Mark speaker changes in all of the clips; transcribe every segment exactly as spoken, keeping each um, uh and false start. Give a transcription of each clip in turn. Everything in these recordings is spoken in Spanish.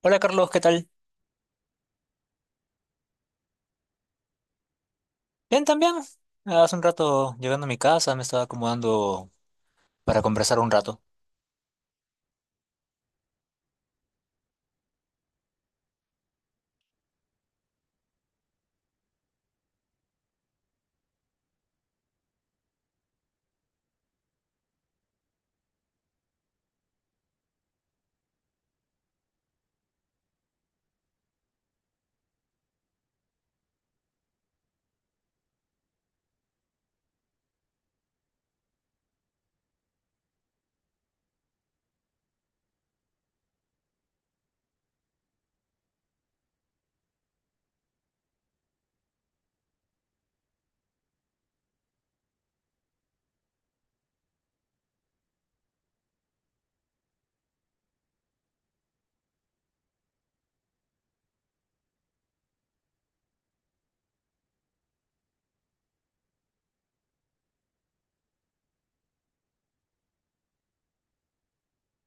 Speaker 1: Hola Carlos, ¿qué tal? Bien, también. Hace un rato llegando a mi casa, me estaba acomodando para conversar un rato.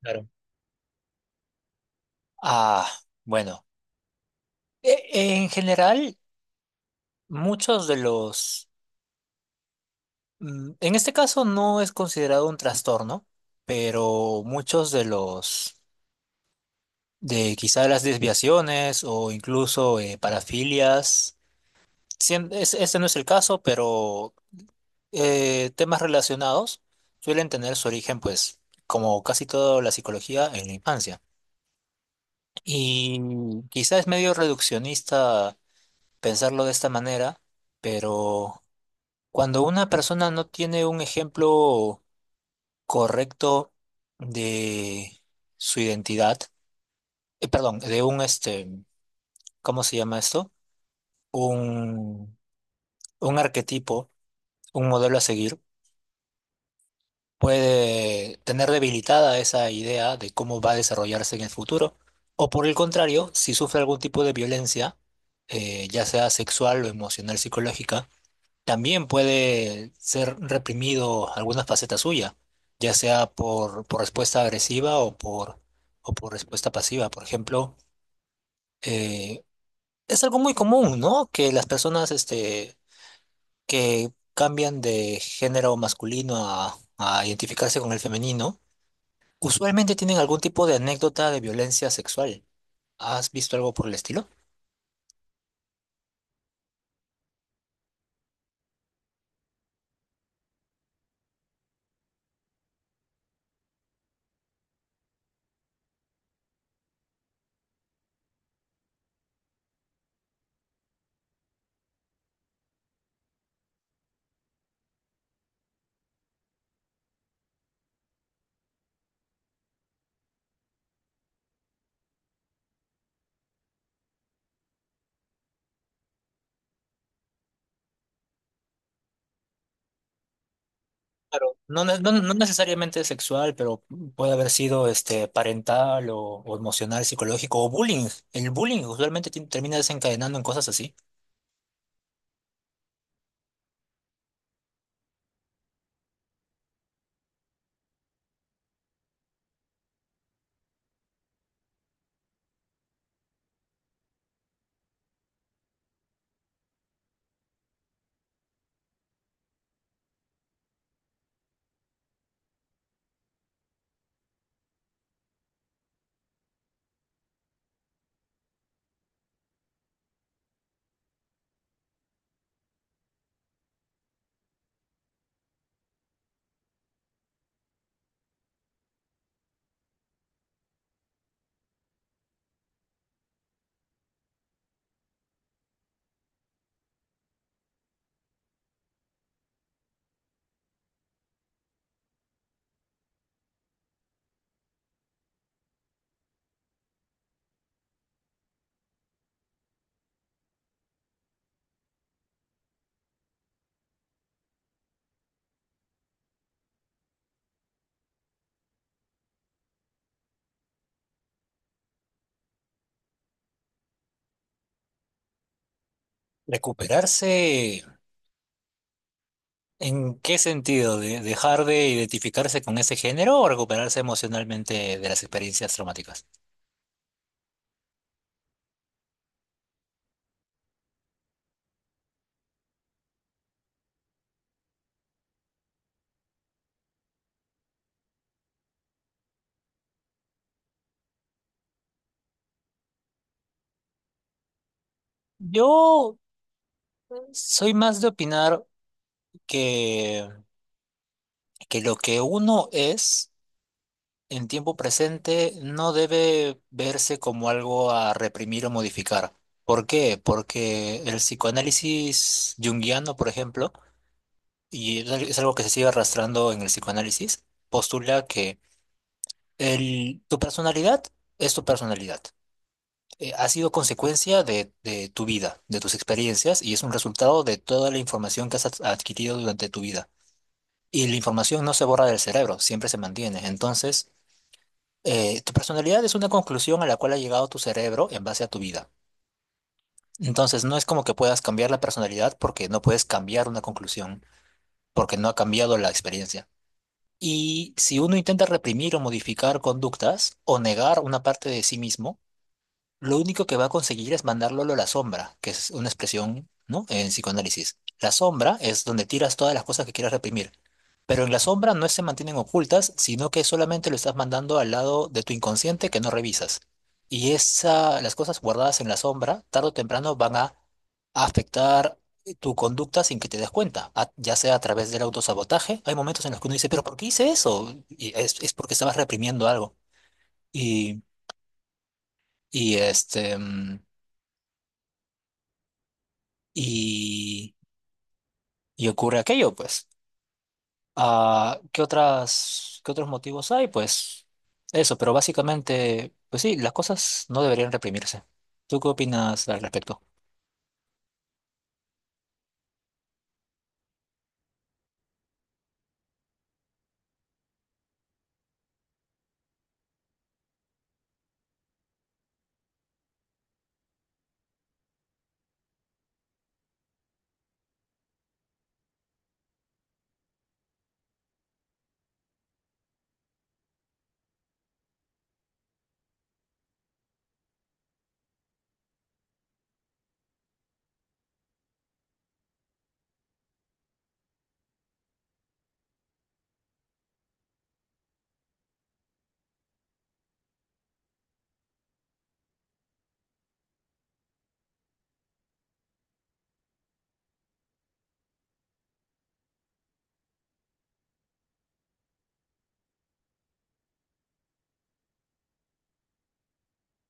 Speaker 1: Claro. Ah, bueno. E- En general, muchos de los... mm, en este caso no es considerado un trastorno, pero muchos de los... de quizá las desviaciones o incluso eh, parafilias, sien- es- este no es el caso, pero eh, temas relacionados suelen tener su origen, pues, como casi toda la psicología, en la infancia. Y quizás es medio reduccionista pensarlo de esta manera, pero cuando una persona no tiene un ejemplo correcto de su identidad, eh, perdón, de un, este, ¿cómo se llama esto? Un, un arquetipo, un modelo a seguir puede tener debilitada esa idea de cómo va a desarrollarse en el futuro, o por el contrario, si sufre algún tipo de violencia, eh, ya sea sexual o emocional, psicológica, también puede ser reprimido alguna faceta suya, ya sea por, por respuesta agresiva o por, o por respuesta pasiva. Por ejemplo, eh, es algo muy común, ¿no? Que las personas este, que cambian de género masculino a a identificarse con el femenino, usualmente tienen algún tipo de anécdota de violencia sexual. ¿Has visto algo por el estilo? Claro, no, ne- no, no necesariamente sexual, pero puede haber sido este parental o, o emocional, psicológico o bullying. El bullying usualmente ti- termina desencadenando en cosas así. ¿Recuperarse en qué sentido? ¿De- ¿Dejar de identificarse con ese género o recuperarse emocionalmente de las experiencias traumáticas? Yo soy más de opinar que, que lo que uno es en tiempo presente no debe verse como algo a reprimir o modificar. ¿Por qué? Porque el psicoanálisis junguiano, por ejemplo, y es al- es algo que se sigue arrastrando en el psicoanálisis, postula que el- tu personalidad es tu personalidad. Eh, ha sido consecuencia de, de tu vida, de tus experiencias, y es un resultado de toda la información que has ad- adquirido durante tu vida. Y la información no se borra del cerebro, siempre se mantiene. Entonces, eh, tu personalidad es una conclusión a la cual ha llegado tu cerebro en base a tu vida. Entonces, no es como que puedas cambiar la personalidad porque no puedes cambiar una conclusión, porque no ha cambiado la experiencia. Y si uno intenta reprimir o modificar conductas o negar una parte de sí mismo, lo único que va a conseguir es mandarlo a la sombra, que es una expresión, ¿no? En psicoanálisis. La sombra es donde tiras todas las cosas que quieras reprimir. Pero en la sombra no se mantienen ocultas, sino que solamente lo estás mandando al lado de tu inconsciente que no revisas. Y esa, las cosas guardadas en la sombra, tarde o temprano, van a afectar tu conducta sin que te des cuenta, a- ya sea a través del autosabotaje. Hay momentos en los que uno dice, pero ¿por qué hice eso? Y es, es porque estabas reprimiendo algo. Y, y este, mm, y, y ocurre aquello, pues. Ah, ¿qué otras, ¿qué otros motivos hay? Pues eso, pero básicamente, pues sí, las cosas no deberían reprimirse. ¿Tú qué opinas al respecto?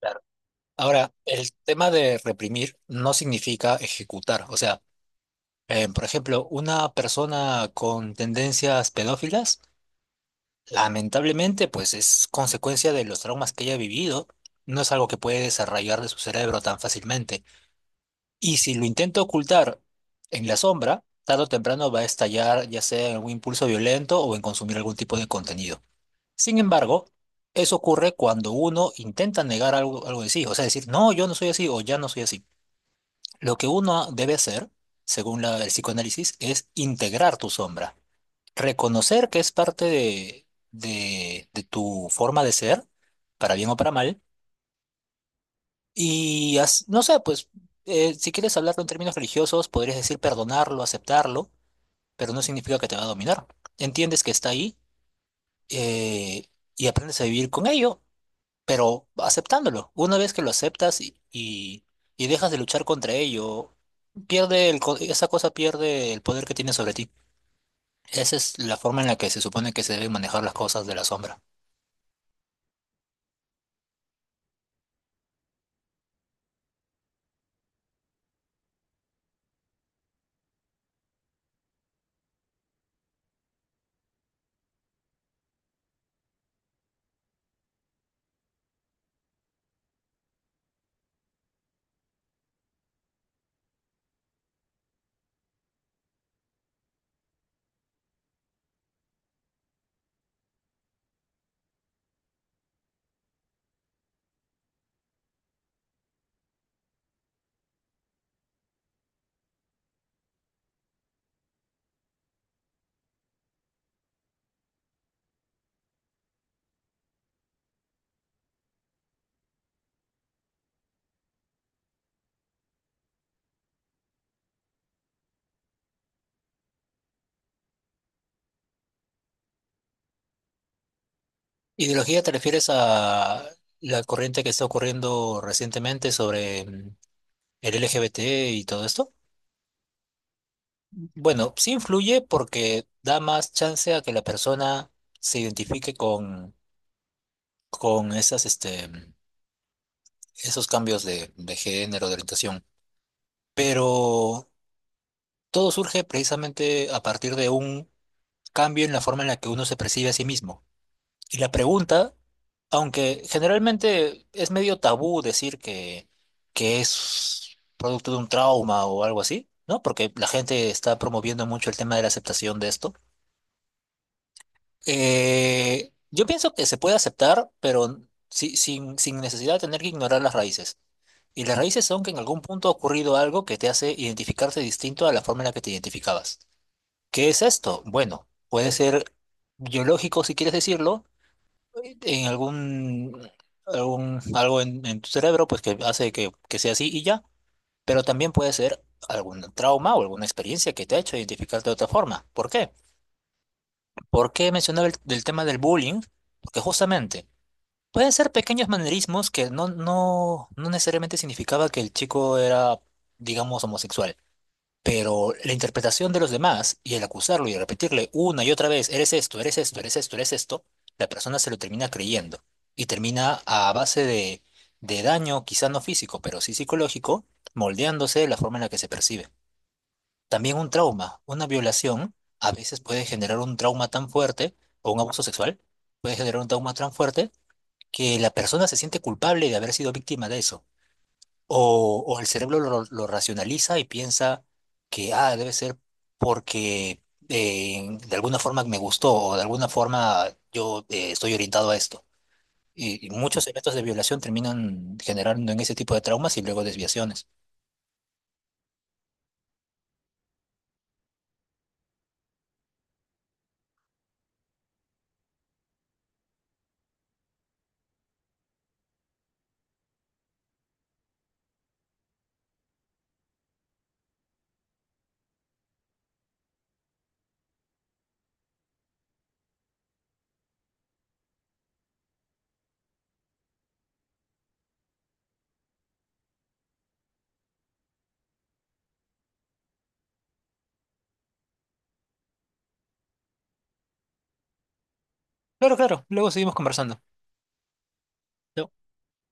Speaker 1: Claro. Ahora, el tema de reprimir no significa ejecutar. O sea, eh, por ejemplo, una persona con tendencias pedófilas, lamentablemente, pues es consecuencia de los traumas que haya vivido. No es algo que puede desarrollar de su cerebro tan fácilmente. Y si lo intento ocultar en la sombra, tarde o temprano va a estallar ya sea en algún impulso violento o en consumir algún tipo de contenido. Sin embargo, eso ocurre cuando uno intenta negar algo, algo de sí, o sea, decir, no, yo no soy así o ya no soy así. Lo que uno debe hacer, según la- el psicoanálisis, es integrar tu sombra, reconocer que es parte de, de de tu forma de ser, para bien o para mal y as- no sé, pues eh, si quieres hablarlo en términos religiosos, podrías decir perdonarlo, aceptarlo, pero no significa que te va a dominar. Entiendes que está ahí eh, y aprendes a vivir con ello, pero aceptándolo. Una vez que lo aceptas y, y, y dejas de luchar contra ello, pierde el, co- esa cosa pierde el poder que tiene sobre ti. Esa es la forma en la que se supone que se deben manejar las cosas de la sombra. Ideología, ¿te refieres a la corriente que está ocurriendo recientemente sobre... mm, el L G B T y todo esto? Bueno, sí influye porque da más chance a que la persona se identifique con, con esas, este, esos cambios de, de género, de orientación. Pero todo surge precisamente a partir de un cambio en la forma en la que uno se percibe a sí mismo. Y la pregunta, aunque generalmente es medio tabú decir que, que es producto de un trauma o algo así, ¿no? Porque la gente está promoviendo mucho el tema de la aceptación de esto. Eh, yo pienso que se puede aceptar, pero si- sin, sin necesidad de tener que ignorar las raíces. Y las raíces son que en algún punto ha ocurrido algo que te hace identificarte distinto a la forma en la que te identificabas. ¿Qué es esto? Bueno, puede ser biológico, si quieres decirlo, en algún, algún algo en, en tu cerebro, pues que hace que, que sea así y ya. Pero también puede ser algún trauma o alguna experiencia que te ha hecho identificarte de otra forma. ¿Por qué? ¿Por qué mencionaba el, del tema del bullying? Porque justamente pueden ser pequeños manerismos que no, no, no necesariamente significaba que el chico era, digamos, homosexual. Pero la interpretación de los demás y el acusarlo y repetirle una y otra vez, eres esto, eres esto, eres esto, eres esto, la persona se lo termina creyendo y termina a base de, de daño, quizá no físico, pero sí psicológico, moldeándose de la forma en la que se percibe. También un trauma, una violación a veces puede generar un trauma tan fuerte o un abuso sexual puede generar un trauma tan fuerte que la persona se siente culpable de haber sido víctima de eso. O, o el cerebro lo, lo racionaliza y piensa que, ah, debe ser porque eh, de alguna forma me gustó o de alguna forma yo eh, estoy orientado a esto. Y, y muchos eventos de violación terminan generando en ese tipo de traumas y luego desviaciones. Claro, claro, luego seguimos conversando.